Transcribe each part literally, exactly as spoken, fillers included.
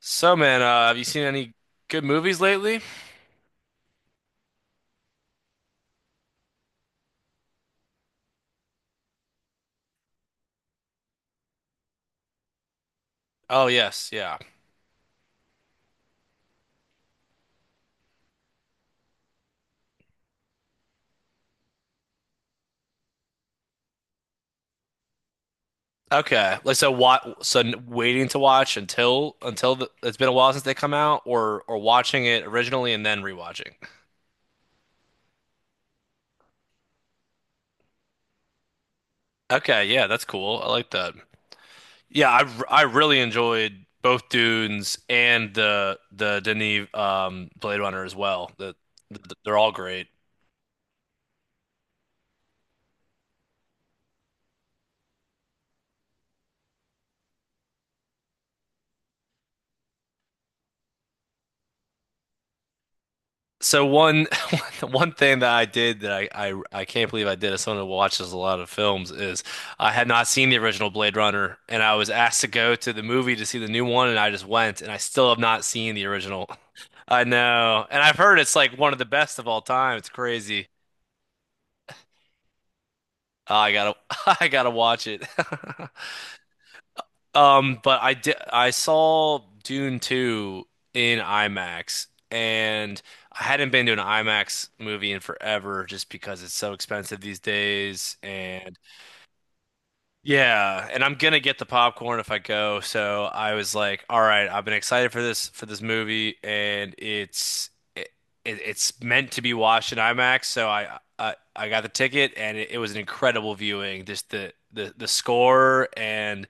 So, man, uh, have you seen any good movies lately? Oh, yes, yeah. Okay, like so, what? So, n- waiting to watch until until the, it's been a while since they come out, or or watching it originally and then rewatching. Okay, yeah, that's cool. I like that. Yeah, I r- I really enjoyed both Dunes and the the Denis um Blade Runner as well. The, the they're all great. So one one thing that I did that I, I I can't believe I did as someone who watches a lot of films is I had not seen the original Blade Runner, and I was asked to go to the movie to see the new one, and I just went, and I still have not seen the original. I know. And I've heard it's like one of the best of all time. It's crazy. Oh, I gotta I gotta watch it. Um, but I did I saw Dune two in IMAX, and I hadn't been to an IMAX movie in forever just because it's so expensive these days. And yeah, and I'm gonna get the popcorn if I go, so I was like, all right, I've been excited for this for this movie, and it's it, it- it's meant to be watched in IMAX, so I I, I got the ticket, and it, it was an incredible viewing. Just the the the score and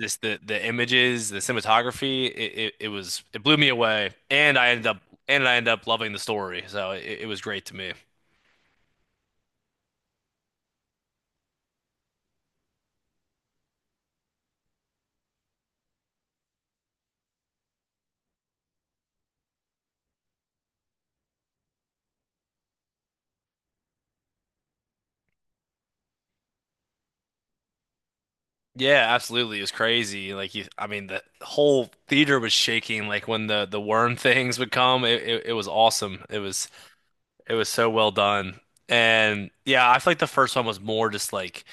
just the the images, the cinematography, it, it, it was it blew me away. And I ended up and I ended up loving the story, so it, it was great to me. Yeah, absolutely, it was crazy. Like you, I mean, the whole theater was shaking. Like when the the worm things would come, it, it it was awesome. It was it was so well done. And yeah, I feel like the first one was more just like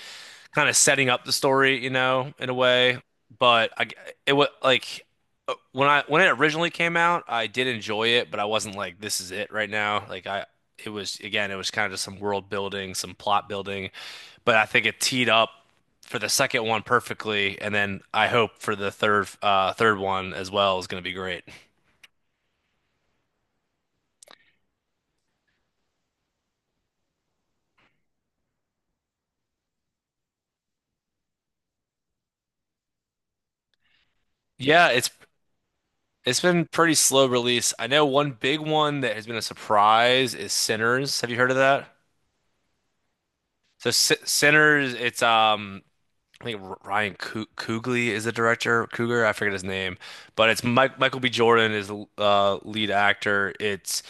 kind of setting up the story, you know, in a way. But I, it was like uh, when I when it originally came out, I did enjoy it, but I wasn't like this is it right now. Like I, it was again, it was kind of just some world building, some plot building. But I think it teed up for the second one perfectly, and then I hope for the third uh third one as well is going to be great. Yeah, it's it's been pretty slow release. I know one big one that has been a surprise is Sinners. Have you heard of that? So S Sinners, it's um I think R- Ryan Coo- Coogler is the director. Cougar, I forget his name, but it's Mike Michael B. Jordan is the uh, lead actor. It's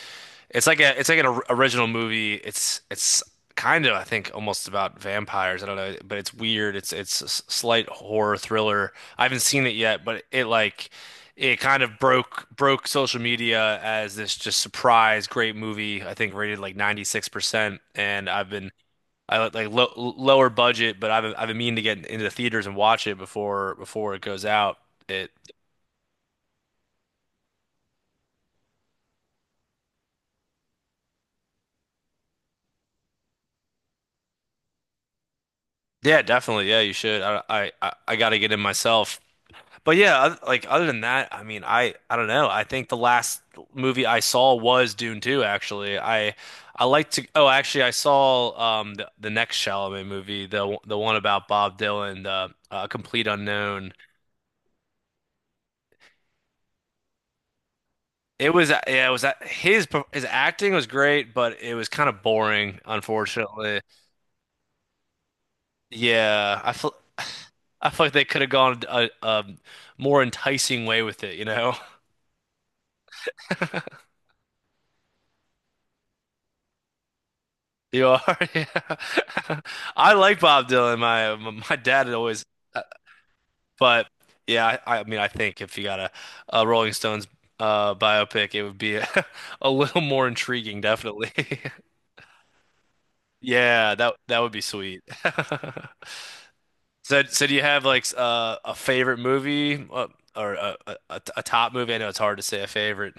It's like a it's like an or- original movie. It's it's kind of I think almost about vampires. I don't know, but it's weird. It's it's a s- slight horror thriller. I haven't seen it yet, but it like it kind of broke broke social media as this just surprise great movie. I think rated like ninety-six percent, and I've been I like like low, lower budget, but I've been- I've been meaning to get into the theaters and watch it before before it goes out. It yeah, definitely. Yeah, you should. I I I, I got to get in myself. But yeah, oth- like other than that, I mean, I I don't know. I think the last movie I saw was Dune two actually. I I like to oh, actually I saw um the, the next Chalamet movie, the the one about Bob Dylan, the uh, Complete Unknown. It was Yeah, it was uh, his his acting was great, but it was kind of boring, unfortunately. Yeah, I feel I feel like they could have gone a, a more enticing way with it, you know? You are, yeah. I like Bob Dylan. My my dad had always, uh, but yeah, I, I mean, I think if you got a, a Rolling Stones uh, biopic, it would be a, a little more intriguing, definitely. Yeah, that that would be sweet. So, so do you have like s- uh, a favorite movie uh, or a, a, a a top movie? I know it's hard to say a favorite.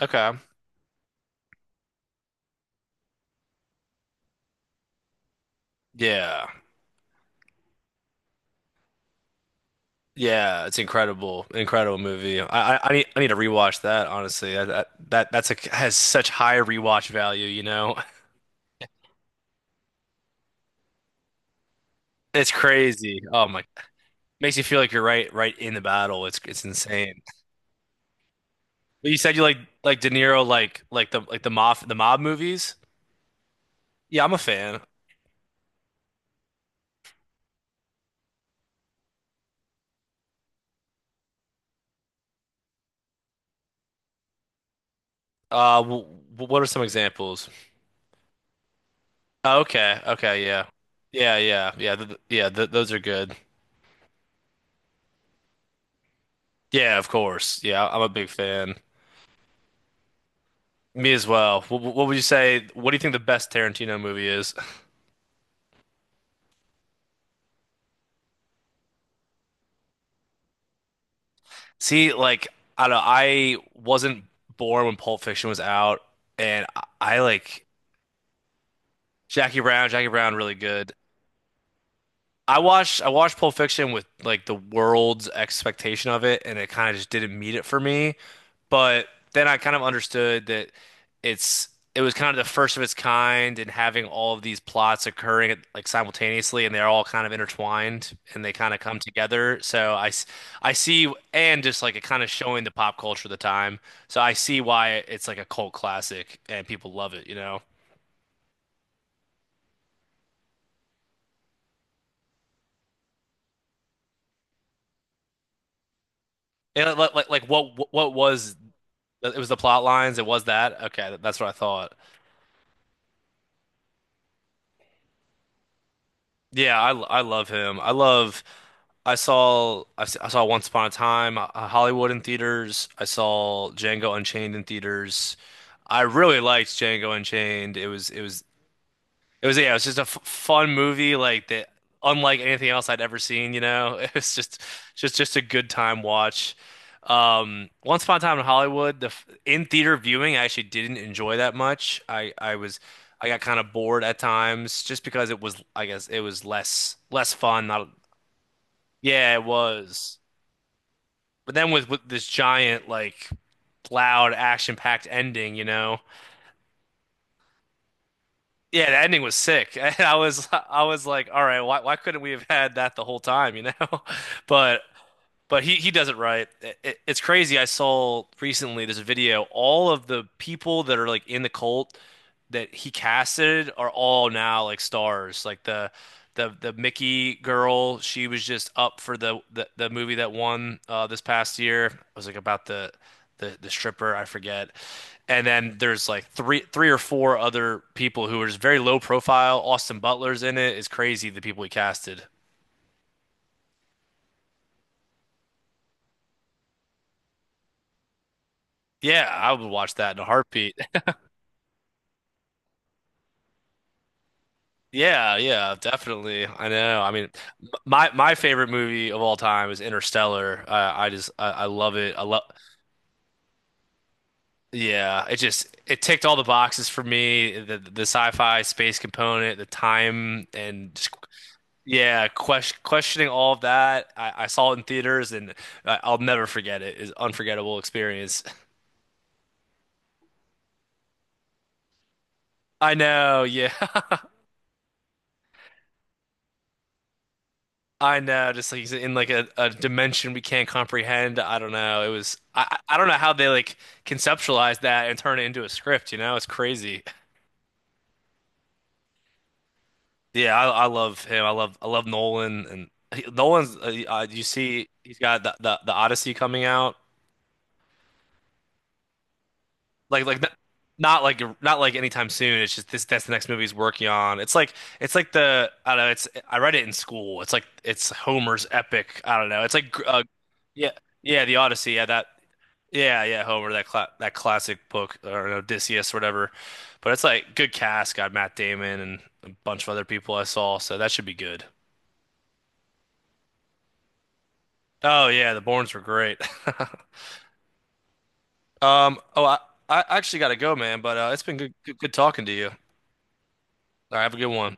Okay. Yeah. Yeah, it's incredible. Incredible movie. I I, I need I need to rewatch that, honestly. That that, that that's a has such high rewatch value, you know. It's crazy. Oh my. Makes you feel like you're right right in the battle. It's it's insane. But you said you like like De Niro like like the like the mob the mob movies? Yeah, I'm a fan. Uh w What are some examples? Oh, okay. Okay, yeah. Yeah, yeah. Yeah, th yeah, th those are good. Yeah, of course. Yeah, I'm a big fan. Me as well. What, what would you say? What do you think the best Tarantino movie is? See, like I don't know, I wasn't born when Pulp Fiction was out, and I, I like Jackie Brown. Jackie Brown really good. I watched I watched Pulp Fiction with like the world's expectation of it, and it kind of just didn't meet it for me. But then I kind of understood that it's it was kind of the first of its kind and having all of these plots occurring at, like simultaneously, and they're all kind of intertwined, and they kind of come together. So I, s- I see, and just like it kind of showing the pop culture of the time. So I see why it's like a cult classic and people love it, you know. And like like, like what what was it was the plot lines, it was that. Okay, that's what I thought. Yeah, I, I love him. I love. I saw I, s- I saw Once Upon a Time, uh, Hollywood in theaters. I saw Django Unchained in theaters. I really liked Django Unchained. It was it was it was yeah, it was just a f fun movie like that, unlike anything else I'd ever seen. You know, it was just just just a good time watch. Um, Once Upon a Time in Hollywood, the f- in theater viewing, I actually didn't enjoy that much. I I was I got kind of bored at times just because it was I guess it was less less fun. Not yeah, it was. But then with with this giant like loud action packed ending, you know. Yeah, the ending was sick. And I was I was like, all right, why why couldn't we have had that the whole time, you know? But but he he does it right. It, it- it's crazy. I saw recently this video. All of the people that are like in the cult that he casted are all now like stars. Like the the the Mickey girl, she was just up for the the, the movie that won uh, this past year. It was like about the the the stripper, I forget. And then there's like three three or four other people who are just very low profile. Austin Butler's in it. It's crazy the people he casted. Yeah, I would watch that in a heartbeat. Yeah, yeah, definitely. I know. I mean, m- my my favorite movie of all time is Interstellar. I I just I, I love it. I love. Yeah, it just it ticked all the boxes for me. The the sci-fi space component, the time, and just, yeah, question, questioning all of that. I, I saw it in theaters, and I, I'll never forget it. It's an unforgettable experience. I know. Yeah. I know, just like he's in like a, a dimension we can't comprehend. I don't know. It was I I I don't know how they like conceptualize that and turn it into a script, you know? It's crazy. Yeah, I I love him. I love I love Nolan, and he, Nolan's uh, uh, you see he's got the, the the Odyssey coming out. Like like not, Not like not like anytime soon. It's just this that's the next movie he's working on. It's like it's like the I don't know, it's I read it in school. It's like it's Homer's epic. I don't know. It's like uh, yeah, yeah, the Odyssey. Yeah, that Yeah, yeah, Homer, that cla that classic book or Odysseus, whatever. But it's like good cast, got Matt Damon and a bunch of other people I saw, so that should be good. Oh yeah, the Bournes were great. Um, oh I, I actually gotta go, man, but uh, it's been good, good good talking to you. All right, have a good one.